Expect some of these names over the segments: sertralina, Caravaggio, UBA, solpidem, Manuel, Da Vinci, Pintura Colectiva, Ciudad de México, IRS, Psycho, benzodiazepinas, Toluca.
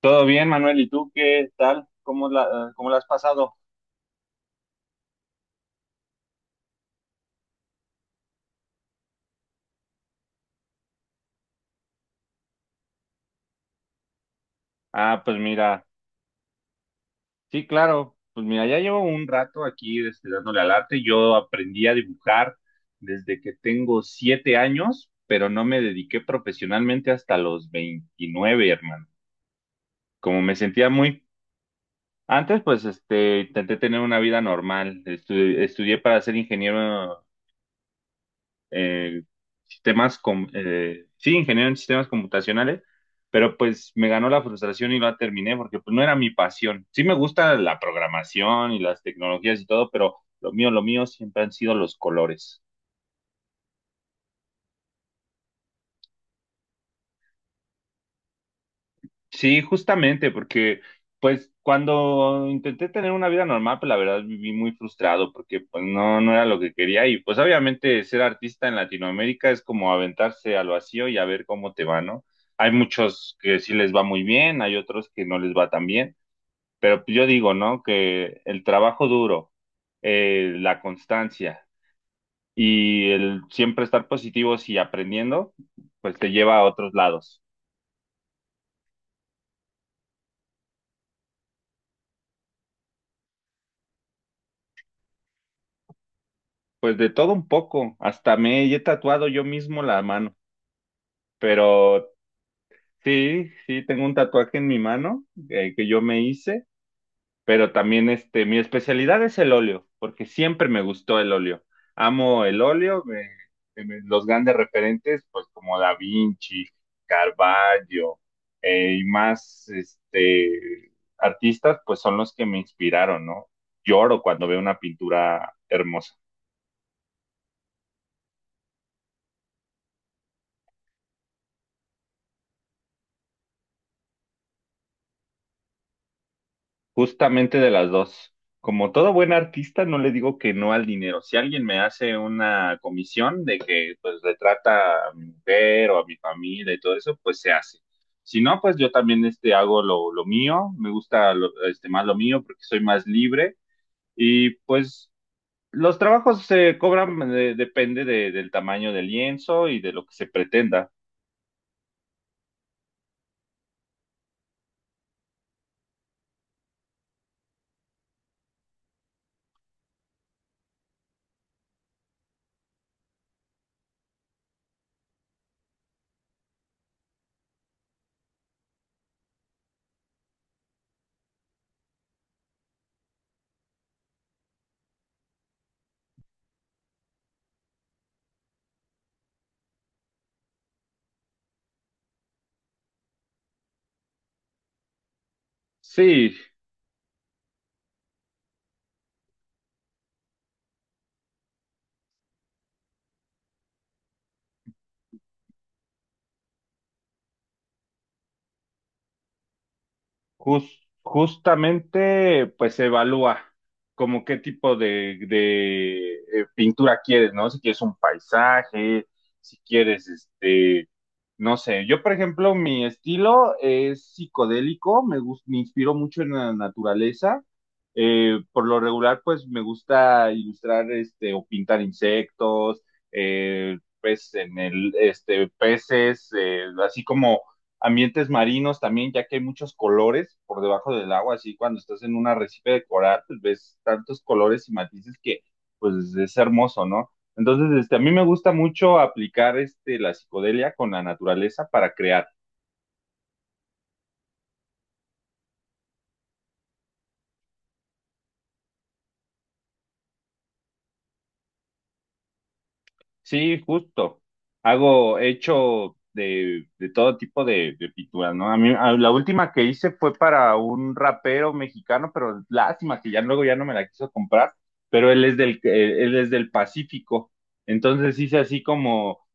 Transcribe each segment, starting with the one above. Todo bien, Manuel, ¿y tú qué tal? ¿Cómo la has pasado? Ah, pues mira, sí, claro, pues mira, ya llevo un rato aquí dándole al arte. Yo aprendí a dibujar desde que tengo 7 años, pero no me dediqué profesionalmente hasta los 29, hermano. Como me sentía muy... Antes, pues, intenté tener una vida normal. Estudié para ser ingeniero eh, sistemas, sí, ingeniero en sistemas computacionales, pero pues me ganó la frustración y la terminé porque pues no era mi pasión. Sí me gusta la programación y las tecnologías y todo, pero lo mío siempre han sido los colores. Sí, justamente, porque pues cuando intenté tener una vida normal, pues la verdad viví muy frustrado porque pues no era lo que quería y pues obviamente ser artista en Latinoamérica es como aventarse al vacío y a ver cómo te va, ¿no? Hay muchos que sí les va muy bien, hay otros que no les va tan bien, pero pues, yo digo, ¿no? Que el trabajo duro, la constancia y el siempre estar positivos y aprendiendo, pues te lleva a otros lados. Pues de todo un poco, hasta me he tatuado yo mismo la mano, pero sí, sí, tengo un tatuaje en mi mano que yo me hice, pero también mi especialidad es el óleo, porque siempre me gustó el óleo. Amo el óleo, los grandes referentes, pues como Da Vinci, Caravaggio, y más artistas, pues son los que me inspiraron, ¿no? Lloro cuando veo una pintura hermosa. Justamente de las dos. Como todo buen artista, no le digo que no al dinero. Si alguien me hace una comisión de que pues le trata a mi mujer o a mi familia y todo eso, pues se hace. Si no, pues yo también hago lo mío, me gusta más lo mío porque soy más libre y pues los trabajos se cobran, depende del tamaño del lienzo y de lo que se pretenda. Sí, justamente, pues se evalúa como qué tipo de pintura quieres, ¿no? Si quieres un paisaje, si quieres, no sé. Yo, por ejemplo, mi estilo es psicodélico, me inspiro mucho en la naturaleza. Por lo regular, pues me gusta ilustrar, o pintar insectos, pues en el, peces, así como ambientes marinos también, ya que hay muchos colores por debajo del agua, así cuando estás en un arrecife de coral, pues ves tantos colores y matices que pues es hermoso, ¿no? Entonces, a mí me gusta mucho aplicar la psicodelia con la naturaleza para crear. Sí, justo. Hago, he hecho de todo tipo de pinturas, ¿no? A mí, la última que hice fue para un rapero mexicano, pero lástima que ya luego ya no me la quiso comprar, pero él es del Pacífico. Entonces hice así como,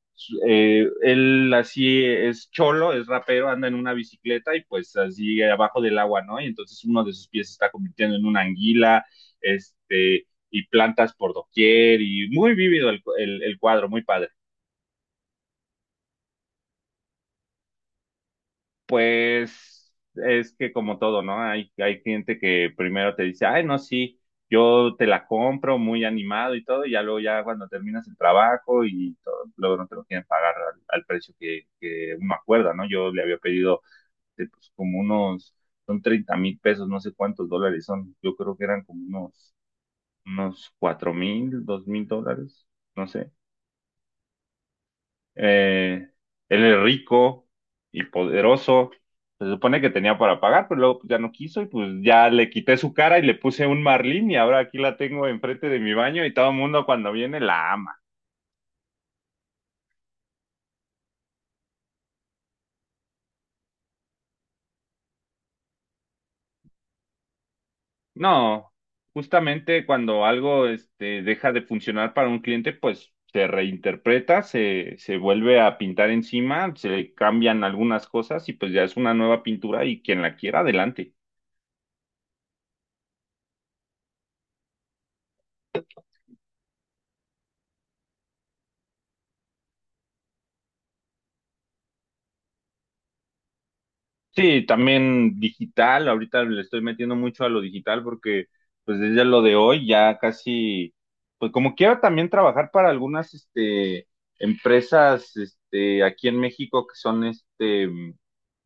él así es cholo, es rapero, anda en una bicicleta y pues así abajo del agua, ¿no? Y entonces uno de sus pies se está convirtiendo en una anguila, este y plantas por doquier y muy vívido el cuadro, muy padre. Pues es que como todo, ¿no? Hay gente que primero te dice, ay, no, sí, yo te la compro muy animado y todo, y ya luego ya cuando terminas el trabajo y todo, luego no te lo quieren pagar al precio que uno acuerda, ¿no? Yo le había pedido, pues, como unos, son 30.000 pesos, no sé cuántos dólares son, yo creo que eran como unos, unos 4.000, 2.000 dólares, no sé. Eh, Él es rico y poderoso. Se supone que tenía para pagar, pero luego pues ya no quiso y pues ya le quité su cara y le puse un marlín y ahora aquí la tengo enfrente de mi baño y todo el mundo cuando viene la ama. No, justamente cuando algo deja de funcionar para un cliente, pues se reinterpreta, se vuelve a pintar encima, se le cambian algunas cosas y pues ya es una nueva pintura y quien la quiera, adelante. Sí, también digital, ahorita le estoy metiendo mucho a lo digital porque pues desde lo de hoy ya casi, pues como quiero también trabajar para algunas empresas aquí en México que son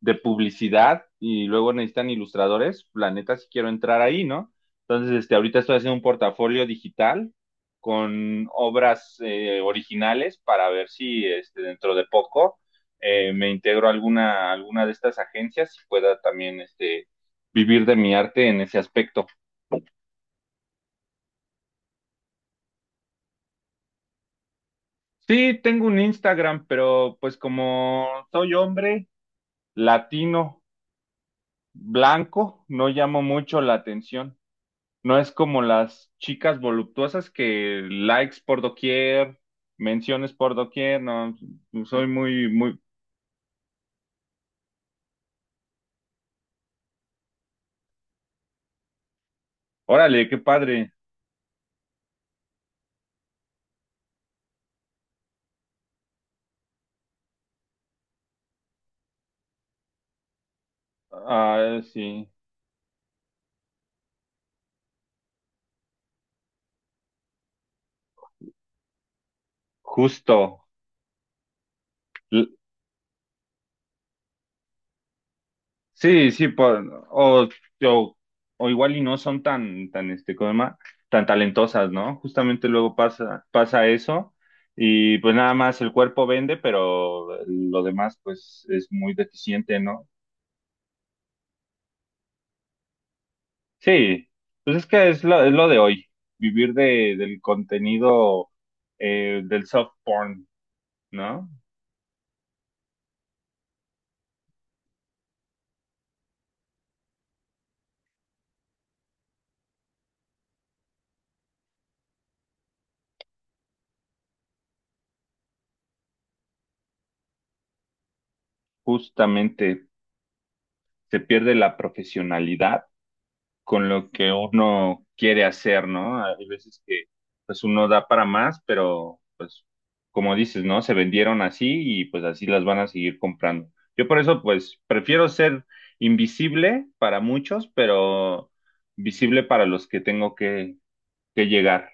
de publicidad y luego necesitan ilustradores, la neta sí quiero entrar ahí, ¿no? Entonces, ahorita estoy haciendo un portafolio digital con obras, originales para ver si dentro de poco me integro a alguna de estas agencias y pueda también vivir de mi arte en ese aspecto. Sí, tengo un Instagram, pero pues como soy hombre latino, blanco, no llamo mucho la atención. No es como las chicas voluptuosas que likes por doquier, menciones por doquier, no, soy muy, órale, qué padre. Ah, sí, justo. Sí, sí, o, o igual y no son tan, ¿cómo se llama? Tan talentosas, ¿no? Justamente luego pasa eso y pues nada más el cuerpo vende, pero lo demás pues es muy deficiente, ¿no? Sí, pues es que es lo de hoy, vivir de, del contenido, del soft porn, ¿no? Justamente se pierde la profesionalidad con lo que uno quiere hacer, ¿no? Hay veces que pues uno da para más, pero pues como dices, ¿no? Se vendieron así y pues así las van a seguir comprando. Yo por eso pues prefiero ser invisible para muchos, pero visible para los que tengo que llegar.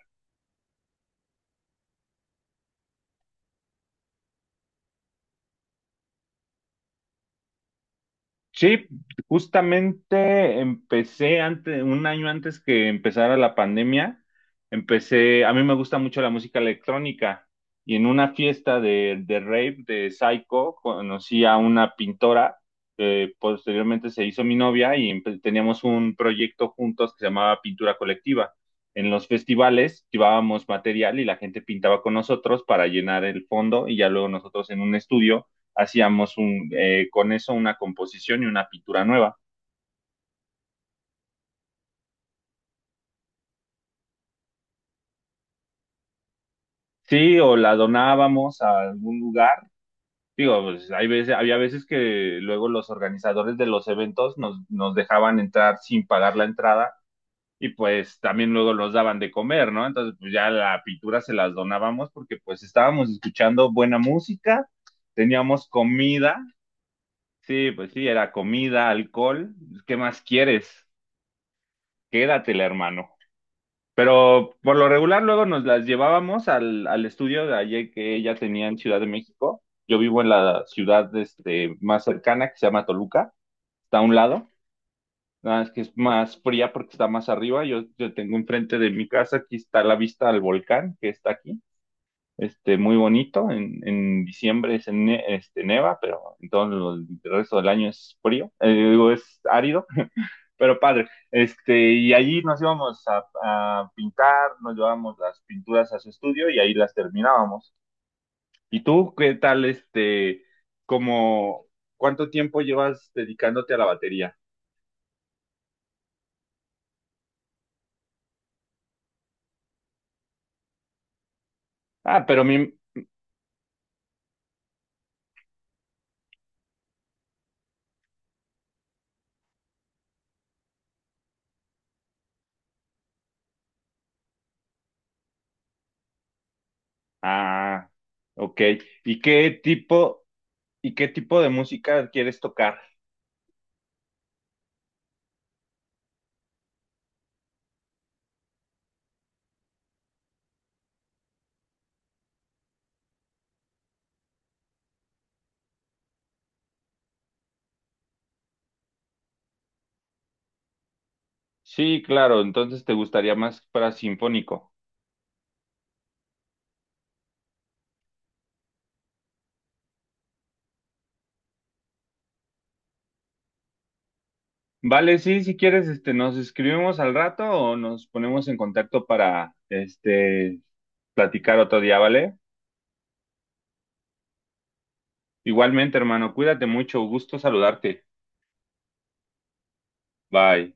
Sí, justamente empecé antes, 1 año antes que empezara la pandemia, empecé, a mí me gusta mucho la música electrónica y en una fiesta de rave de Psycho conocí a una pintora que posteriormente se hizo mi novia y teníamos un proyecto juntos que se llamaba Pintura Colectiva. En los festivales llevábamos material y la gente pintaba con nosotros para llenar el fondo y ya luego nosotros en un estudio hacíamos un, con eso una composición y una pintura nueva. Sí, o la donábamos a algún lugar. Digo, pues hay veces, había veces que luego los organizadores de los eventos nos dejaban entrar sin pagar la entrada y pues también luego nos daban de comer, ¿no? Entonces, pues ya la pintura se las donábamos porque pues estábamos escuchando buena música, teníamos comida, sí, pues sí, era comida, alcohol, ¿qué más quieres? Quédatela, hermano. Pero por lo regular luego nos las llevábamos al estudio de ayer que ella tenía en Ciudad de México. Yo vivo en la ciudad más cercana que se llama Toluca, está a un lado, nada más que es más fría porque está más arriba. Yo tengo enfrente de mi casa, aquí está la vista al volcán que está aquí, muy bonito. En diciembre es neva, pero en todo el resto del año es frío, digo, es árido pero padre. Y allí nos íbamos a pintar, nos llevábamos las pinturas a su estudio y ahí las terminábamos. ¿Y tú qué tal, como, cuánto tiempo llevas dedicándote a la batería? Ah, pero mi, ah, ok. ¿Y qué tipo, y qué tipo de música quieres tocar? Sí, claro, entonces te gustaría más para sinfónico. Vale, sí, si quieres, nos escribimos al rato o nos ponemos en contacto para, platicar otro día, ¿vale? Igualmente, hermano, cuídate mucho, gusto saludarte. Bye.